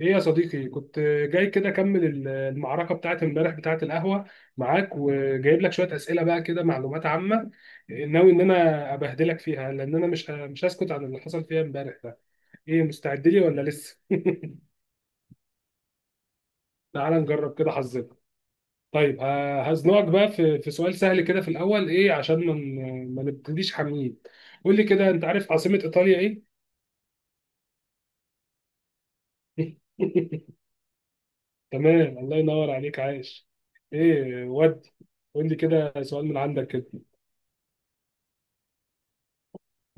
ايه يا صديقي؟ كنت جاي كده اكمل المعركه بتاعت امبارح بتاعت القهوه معاك، وجايب لك شويه اسئله بقى كده، معلومات عامه، ناوي ان انا ابهدلك فيها، لان انا مش هسكت عن اللي حصل فيها امبارح ده. ايه، مستعد لي ولا لسه؟ تعال نجرب كده حظنا. طيب، هزنقك بقى في سؤال سهل كده في الاول، ايه، عشان ما نبتديش حاميين. قول لي كده، انت عارف عاصمه ايطاليا ايه؟ تمام، الله ينور عليك، عايش. ايه ودي، قول لي كده سؤال من عندك كده.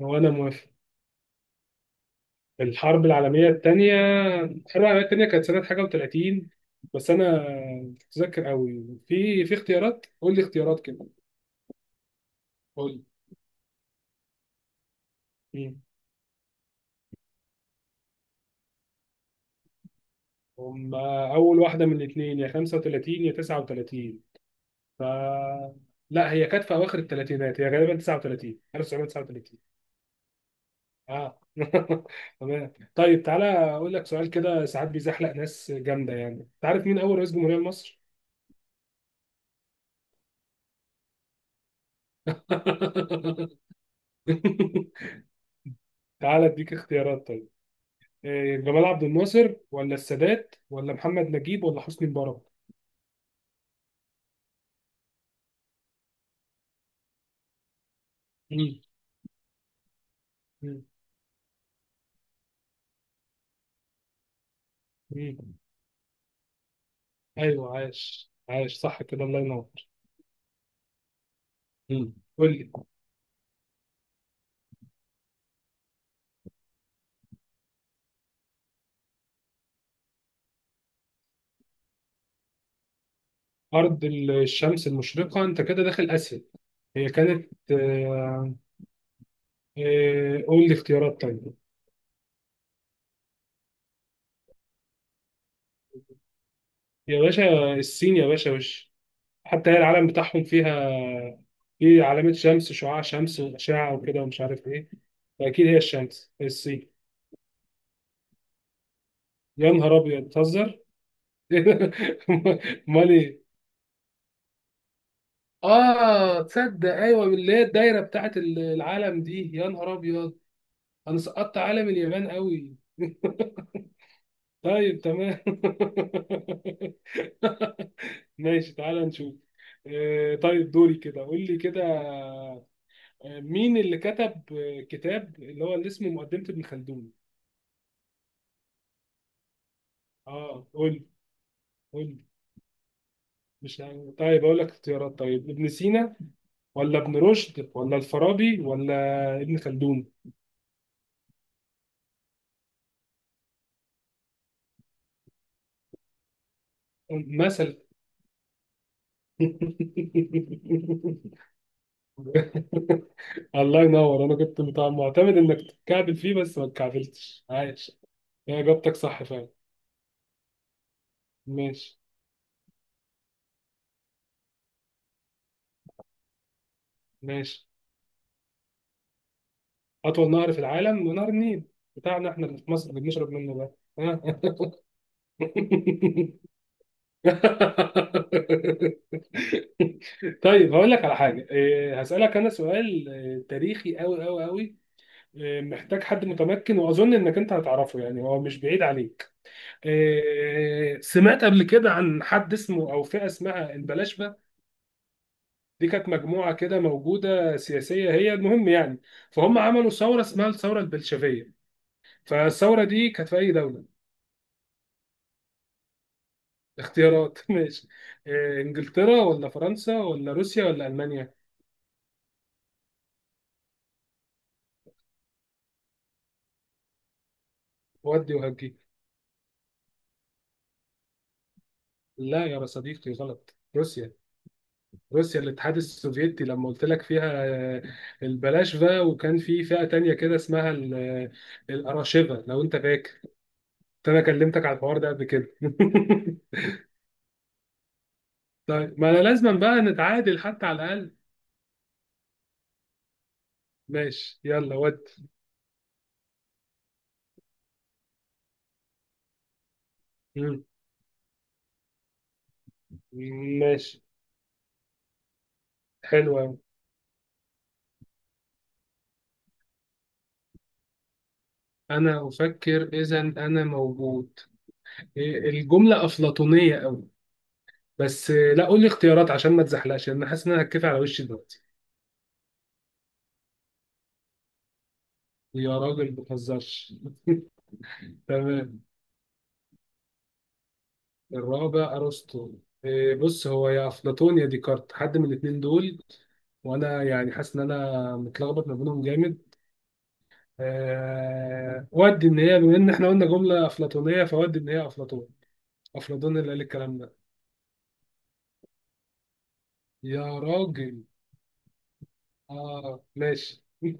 هو أنا موافق. الحرب العالمية التانية. الحرب العالمية التانية كانت سنة حاجة وتلاتين، بس أنا متذكر أوي. في اختيارات، قول لي اختيارات كده. قول لي. مم. هم أول واحدة من الاتنين، يا 35 يا 39. ف لا، هي كانت في أواخر التلاتينات، هي غالبا 39، 1939. اه تمام. طيب تعالى أقول لك سؤال كده ساعات بيزحلق ناس جامدة، يعني تعرف مين أول رئيس جمهورية لمصر؟ تعالى أديك اختيارات طيب. إيه، جمال عبد الناصر ولا السادات ولا محمد نجيب ولا حسني مبارك. مم. مم. مم. ايوه، عاش عاش، صح كده، الله ينور. قول لي. ارض الشمس المشرقه، انت كده داخل اسيا. هي كانت، قول لي اختيارات طيب. يا باشا الصين، يا باشا! وش حتى، هي العلم بتاعهم فيها، في علامه شمس، شعاع شمس واشعه وكده ومش عارف ايه، فاكيد هي الشمس، الصين. يا نهار ابيض، بتهزر! امال إيه؟ اه تصدق، ايوه، اللي هي الدايره بتاعت العالم دي، يا نهار ابيض. انا سقطت عالم اليابان قوي. طيب تمام. ماشي تعالى نشوف. طيب دوري كده، قول لي كده، مين اللي كتب كتاب اللي اسمه مقدمة ابن خلدون؟ اه قول لي قول لي. مش عارف. طيب اقول لك اختيارات طيب، ابن سينا ولا ابن رشد ولا الفارابي ولا ابن خلدون مثلا. الله ينور، انا كنت معتمد انك تتكعبل فيه، بس ما اتكعبلتش، عايش، هي اجابتك صح فعلا. ماشي ماشي. اطول نهر في العالم، نهر النيل بتاعنا احنا اللي في مصر، اللي بنشرب منه ده. طيب هقول لك على حاجه، إيه، هسالك انا سؤال، إيه، تاريخي قوي قوي قوي، محتاج حد متمكن، واظن انك انت هتعرفه يعني، هو مش بعيد عليك. سمعت قبل كده عن حد اسمه او فئه اسمها البلاشفه. دي كانت مجموعه كده موجوده سياسيه، هي المهم يعني، فهم عملوا ثوره اسمها الثوره البلشفيه. فالثوره دي كانت في اي دوله؟ اختيارات. ماشي. انجلترا ولا فرنسا ولا روسيا ولا المانيا؟ ودي وهجي. لا يا صديقي، غلط. روسيا. روسيا الاتحاد السوفيتي، لما قلت لك فيها البلاشفه، وكان في فئه تانية كده اسمها الاراشفه، لو انت فاكر. انا كلمتك على الحوار ده قبل كده. طيب، ما انا لازم بقى نتعادل حتى على الاقل. ماشي يلا ود. مم. ماشي. حلو أوي. انا افكر اذا انا موجود. إيه، الجمله افلاطونيه قوي، بس لا، قول لي اختيارات عشان ما تزحلقش، لان حاسس ان انا هتكفي على وشي دلوقتي. يا راجل ما تهزرش! تمام. الرابع ارسطو. إيه، بص، هو يا افلاطون يا ديكارت، حد من الاثنين دول، وانا يعني حاسس ان انا متلخبط ما بينهم جامد. ودي ان هي، بما ان احنا قلنا جمله افلاطونيه، فودي ان هي افلاطون. افلاطون اللي قال الكلام ده. يا راجل! اه ماشي.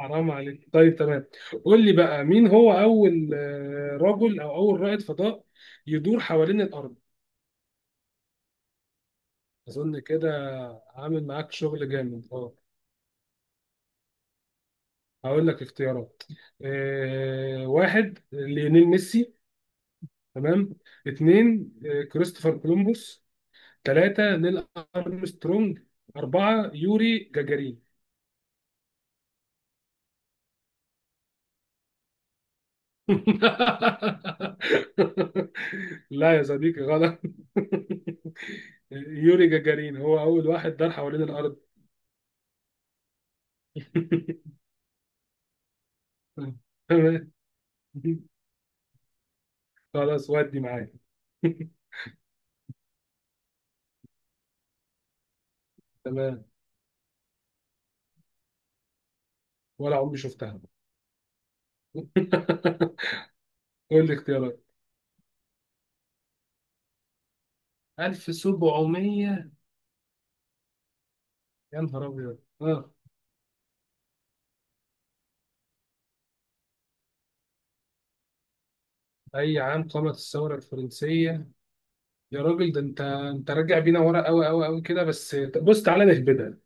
حرام عليك. طيب تمام. قول لي بقى، مين هو اول رجل او اول رائد فضاء يدور حوالين الارض؟ اظن كده. عامل معاك شغل جامد اه. هقول لك اختيارات. واحد، ليونيل ميسي. تمام. اتنين، كريستوفر كولومبوس. ثلاثة، نيل أرمسترونج. أربعة، يوري جاجارين. لا يا صديقي، غلط. يوري جاجارين هو أول واحد دار حوالين الأرض. تمام خلاص، ودي معايا. تمام، ولا عمري شفتها. قول لي اختيارات. 1700. يا نهار أبيض! اه أي عام قامت الثورة الفرنسية؟ يا راجل، ده أنت راجع بينا ورا أوي أوي أوي كده، بس بص تعالى نهبدها.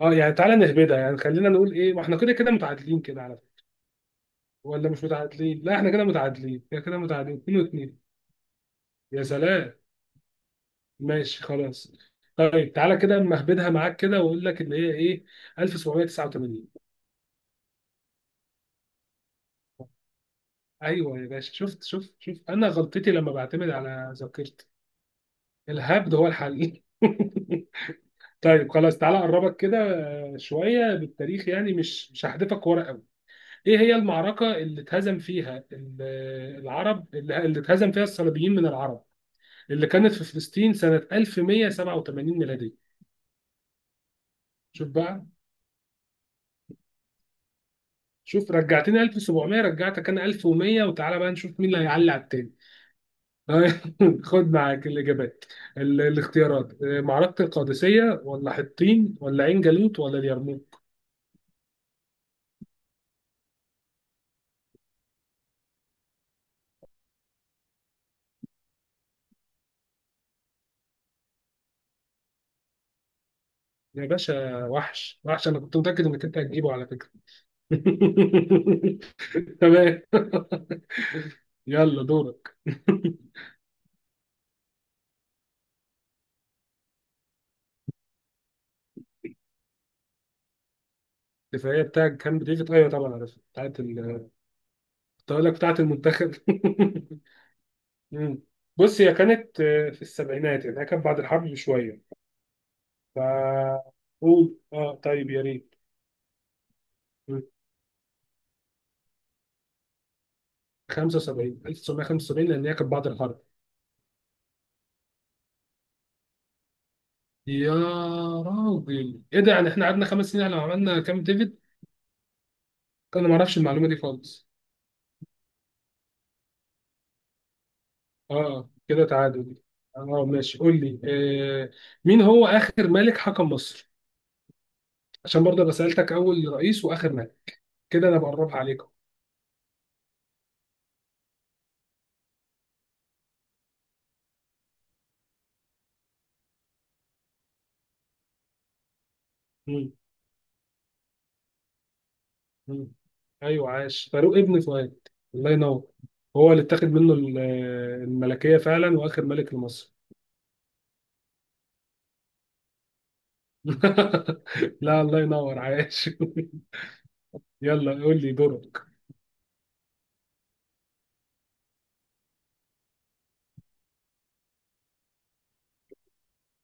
اه يعني تعالى نهبدها، يعني خلينا نقول ايه، ما احنا كده كده متعادلين كده على فكره. ولا مش متعادلين؟ لا، احنا كده متعادلين كده كده، متعادلين 2-2. يا سلام. ماشي خلاص. طيب تعالى كده اما اهبدها معاك كده واقول لك اللي هي ايه، 1789. ايوه يا باشا، شفت شفت شفت! انا غلطتي لما بعتمد على ذاكرتي. الهبد هو الحل. طيب خلاص، تعالى اقربك كده، شويه بالتاريخ يعني، مش هحذفك ورا. ايه هي المعركة اللي اتهزم فيها العرب، اللي اتهزم فيها الصليبيين من العرب، اللي كانت في فلسطين سنة 1187 ميلادية؟ شوف بقى، شوف رجعتني 1700، رجعتك انا 1100، وتعالى بقى نشوف مين اللي هيعلي على التاني. خد معاك الاجابات، الاختيارات، معركة القادسية ولا حطين ولا عين جالوت ولا اليرموك. يا باشا وحش وحش! انا كنت متأكد انك انت هتجيبه على فكرة. تمام. يلا دورك. الدفاعية بتاعك كان بتيجي، أيوة طبعا عارفها، بتاعت كنت هقول لك بتاعت المنتخب. مم. بص هي كانت، في السبعينات يعني، هي كانت بعد الحرب بشوية. ف قول. اه طيب، يا ريت. مم. 75، 1975، لأن هي كانت بعد الحرب. يا راجل، ايه ده؟ يعني احنا قعدنا 5 سنين لو عملنا كام ديفيد؟ انا ما اعرفش المعلومة دي خالص. اه كده تعادل. اه ماشي قول لي. آه مين هو آخر ملك حكم مصر؟ عشان برضه أنا سألتك أول رئيس، وآخر كده انا بقربها عليكم. مم. مم. ايوه، عاش، فاروق ابن فؤاد، الله ينور. هو اللي اتاخد منه الملكيه فعلا، واخر ملك لمصر. لا، الله ينور، عاش. يلا قول لي دورك.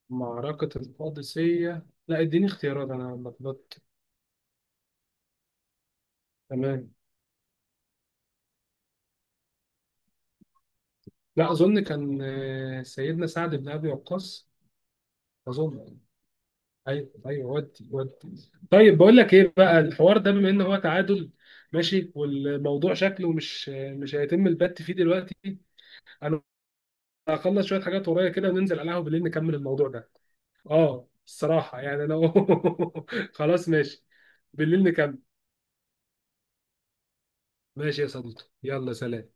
معركه القادسيه؟ لا اديني اختيارات، انا لخبطت. تمام. لا، اظن كان سيدنا سعد بن ابي وقاص، اظن. ايوه ايوه، ودي ودي. طيب بقول لك ايه بقى، الحوار ده، بما ان هو تعادل ماشي، والموضوع شكله مش هيتم البت فيه دلوقتي. انا هخلص شويه حاجات ورايا كده، وننزل على القهوه بالليل نكمل الموضوع ده. اه الصراحه يعني انا. خلاص ماشي، بالليل نكمل. ماشي يا صديقي، يلا سلام.